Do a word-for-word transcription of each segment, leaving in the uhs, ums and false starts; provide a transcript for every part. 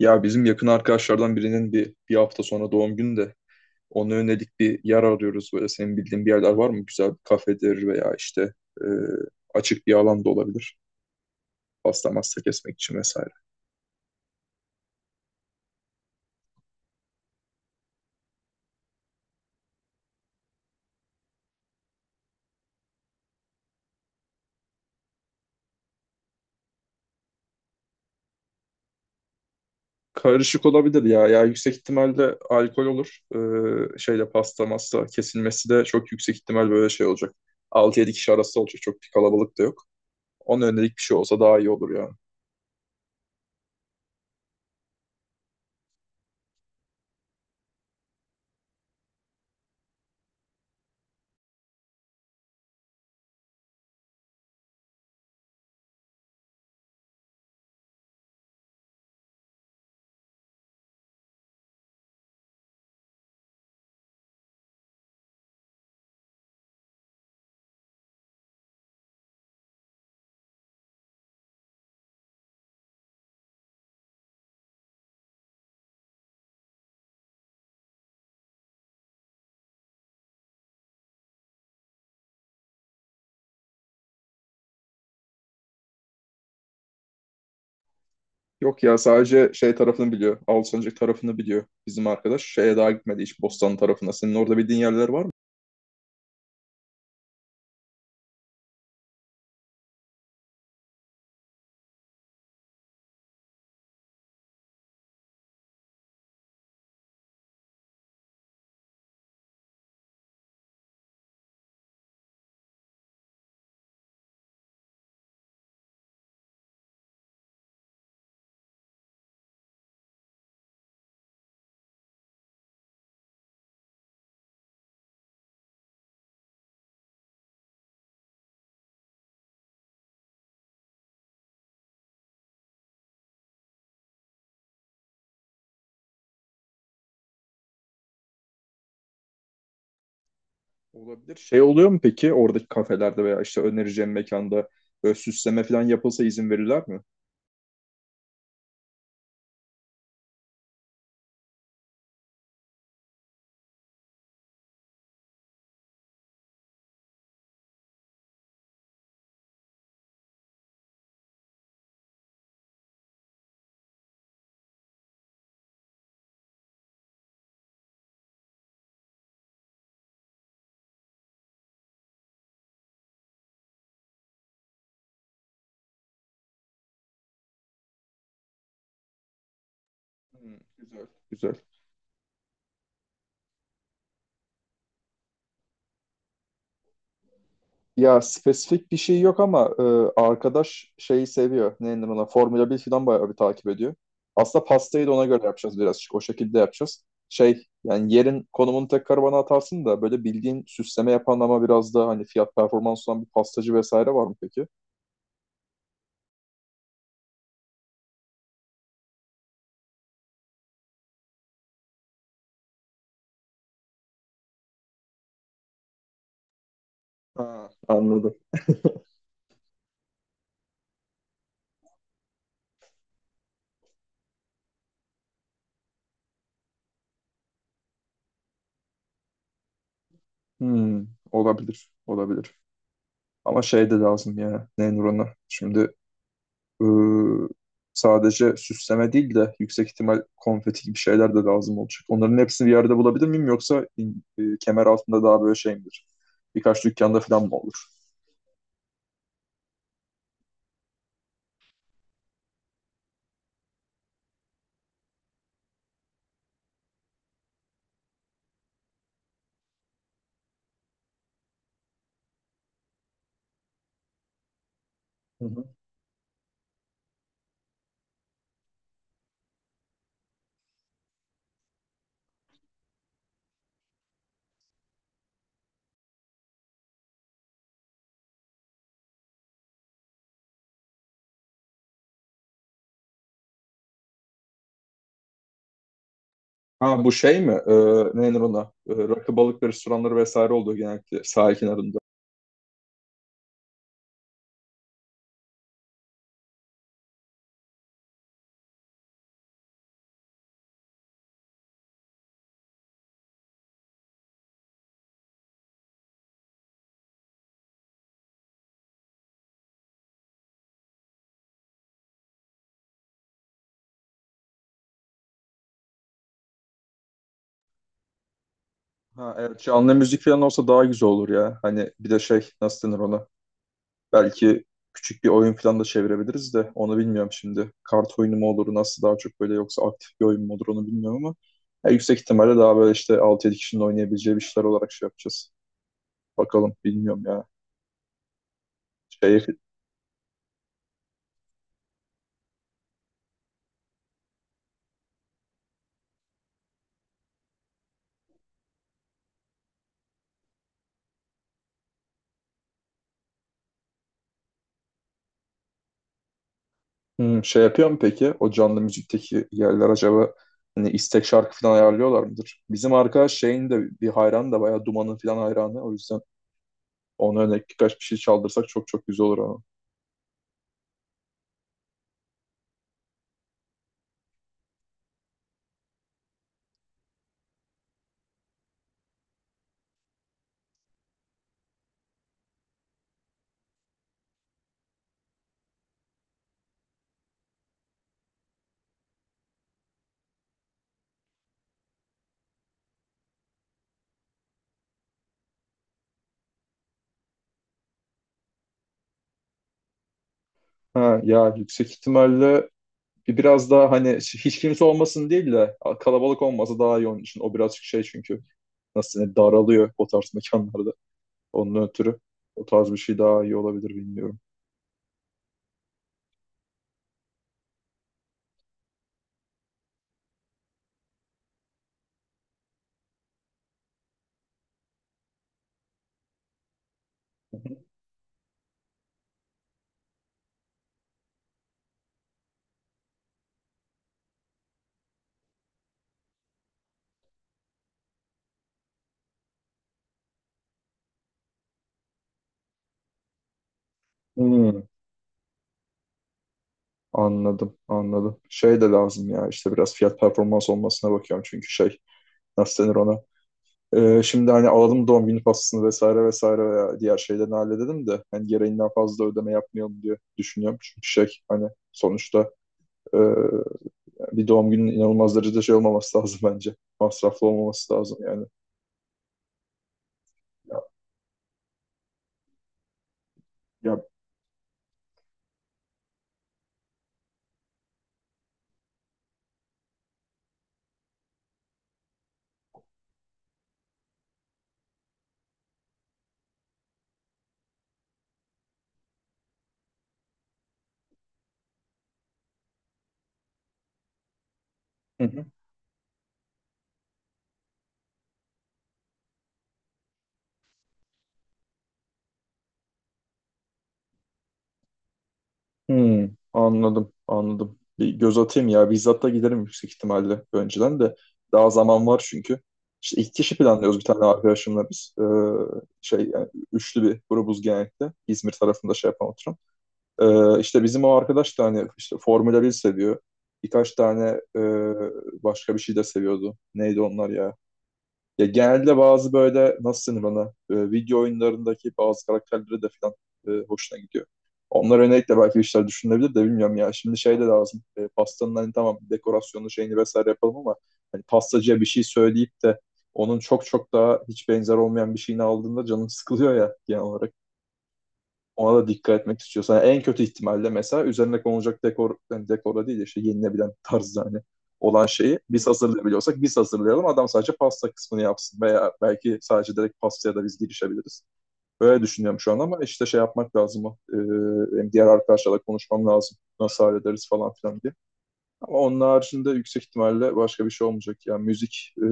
Ya bizim yakın arkadaşlardan birinin bir, bir hafta sonra doğum günü de ona yönelik bir yer arıyoruz. Böyle senin bildiğin bir yerler var mı? Güzel bir kafedir veya işte e, açık bir alan da olabilir. Pasta masta kesmek için vesaire. Karışık olabilir ya. Ya yüksek ihtimalle alkol olur. Ee, şeyle pasta masta kesilmesi de çok yüksek ihtimal böyle şey olacak. Altı yedi kişi arası olacak. Çok bir kalabalık da yok. Ona yönelik bir şey olsa daha iyi olur yani. Yok ya sadece şey tarafını biliyor. Alsancak tarafını biliyor bizim arkadaş. Şeye daha gitmedi hiç Bostan tarafına. Senin orada bildiğin yerler var mı? Olabilir. Şey oluyor mu peki oradaki kafelerde veya işte önereceğim mekanda böyle süsleme falan yapılsa izin verirler mi? Hmm, güzel. Güzel. Ya spesifik bir şey yok ama e, arkadaş şeyi seviyor. Ne denir ona? Formula bir falan bayağı bir takip ediyor. Aslında pastayı da ona göre yapacağız birazcık. O şekilde yapacağız. Şey yani yerin konumunu tekrar bana atarsın da böyle bildiğin süsleme yapan ama biraz daha hani fiyat performans olan bir pastacı vesaire var mı peki? Ha, anladım. Hmm, olabilir. Olabilir. Ama şey de lazım ya. Ne denir ona? Şimdi e, sadece süsleme değil de yüksek ihtimal konfeti gibi şeyler de lazım olacak. Onların hepsini bir yerde bulabilir miyim yoksa e, kemer altında daha böyle şey midir? Birkaç dükkanda falan mı olur? Hı hı. Ha bu şey mi? Ee, ne denir ona? Ee, rakı balık restoranları vesaire olduğu genellikle sahil kenarında. Ha, evet canlı müzik falan olsa daha güzel olur ya. Hani bir de şey nasıl denir ona? Belki küçük bir oyun falan da çevirebiliriz de onu bilmiyorum şimdi. Kart oyunu mu olur nasıl daha çok böyle yoksa aktif bir oyun mu olur onu bilmiyorum ama ya yüksek ihtimalle daha böyle işte altı yedi kişinin oynayabileceği bir şeyler olarak şey yapacağız. Bakalım bilmiyorum ya. Şey. Hmm, şey yapıyor mu peki? O canlı müzikteki yerler acaba hani istek şarkı falan ayarlıyorlar mıdır? Bizim arkadaş şeyin de bir hayranı da bayağı Duman'ın falan hayranı. O yüzden ona örnek birkaç bir şey çaldırsak çok çok güzel olur ama. Ha, ya yüksek ihtimalle biraz daha hani hiç kimse olmasın değil de kalabalık olması daha iyi onun için. O birazcık şey çünkü nasıl denir, daralıyor o tarz mekanlarda. Onun ötürü o tarz bir şey daha iyi olabilir bilmiyorum. Hmm. Anladım, anladım. Şey de lazım ya işte biraz fiyat performans olmasına bakıyorum çünkü şey nasıl denir ona. Ee, şimdi hani alalım doğum günü pastasını vesaire vesaire veya diğer şeylerini halledelim de hani gereğinden fazla ödeme yapmayalım diye düşünüyorum. Çünkü şey hani sonuçta e, bir doğum günün inanılmaz derecede şey olmaması lazım bence. Masraflı olmaması lazım yani. Ya, ya, hmm, anladım, anladım. Bir göz atayım ya. Bizzat da giderim yüksek ihtimalle önceden de. Daha zaman var çünkü. İşte iki kişi planlıyoruz bir tane arkadaşımla biz. Ee, şey yani üçlü bir grubuz genellikle. İzmir tarafında şey yapan oturan. Ee, işte bizim o arkadaş da hani işte Formula bir seviyor. Birkaç tane e, başka bir şey de seviyordu. Neydi onlar ya? Ya genelde bazı böyle nasıl denir bana e, video oyunlarındaki bazı karakterlere de falan e, hoşuna gidiyor. Onlar özellikle belki bir şeyler düşünülebilir de bilmiyorum ya. Şimdi şey de lazım. E, pastanın hani tamam dekorasyonu şeyini vesaire yapalım ama hani pastacıya bir şey söyleyip de onun çok çok daha hiç benzer olmayan bir şeyini aldığında canım sıkılıyor ya genel olarak. Ona da dikkat etmek istiyorsan en kötü ihtimalle mesela üzerine konulacak dekor yani dekora değil de işte yenilebilen tarzda hani olan şeyi biz hazırlayabiliyorsak biz hazırlayalım. Adam sadece pasta kısmını yapsın veya belki sadece direkt pastaya da biz girişebiliriz. Böyle düşünüyorum şu an ama işte şey yapmak lazım. O. Ee, benim diğer arkadaşlarla konuşmam lazım. Nasıl hallederiz falan filan diye. Ama onun haricinde yüksek ihtimalle başka bir şey olmayacak. Yani müzik, e,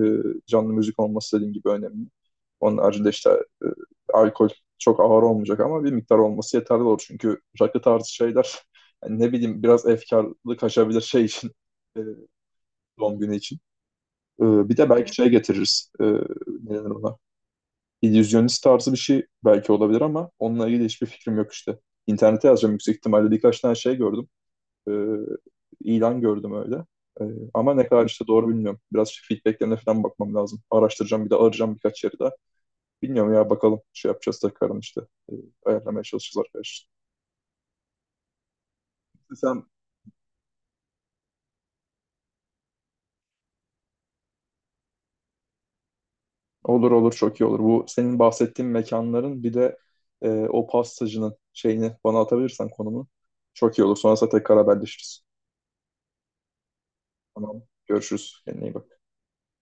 canlı müzik olması dediğin gibi önemli. Onun haricinde işte e, alkol çok ağır olmayacak ama bir miktar olması yeterli olur. Çünkü rakı tarzı şeyler yani ne bileyim biraz efkarlı kaçabilir şey için, e, doğum günü için. E, bir de belki şey getiririz. E, ne denir ona? İllüzyonist tarzı bir şey belki olabilir ama onunla ilgili hiçbir fikrim yok işte. İnternete yazacağım yüksek ihtimalle birkaç tane şey gördüm, e, ilan gördüm öyle. E, ama ne kadar işte doğru bilmiyorum. Biraz feedbacklerine falan bakmam lazım. Araştıracağım bir de arayacağım birkaç yeri daha. Bilmiyorum ya bakalım şey yapacağız tekrardan işte. E, ayarlamaya çalışacağız arkadaşlar. Sen olur olur çok iyi olur. Bu senin bahsettiğin mekanların bir de e, o pastacının şeyini bana atabilirsen konumunu çok iyi olur. Sonrasında tekrar haberleşiriz. Tamam. Görüşürüz. Kendine iyi bak.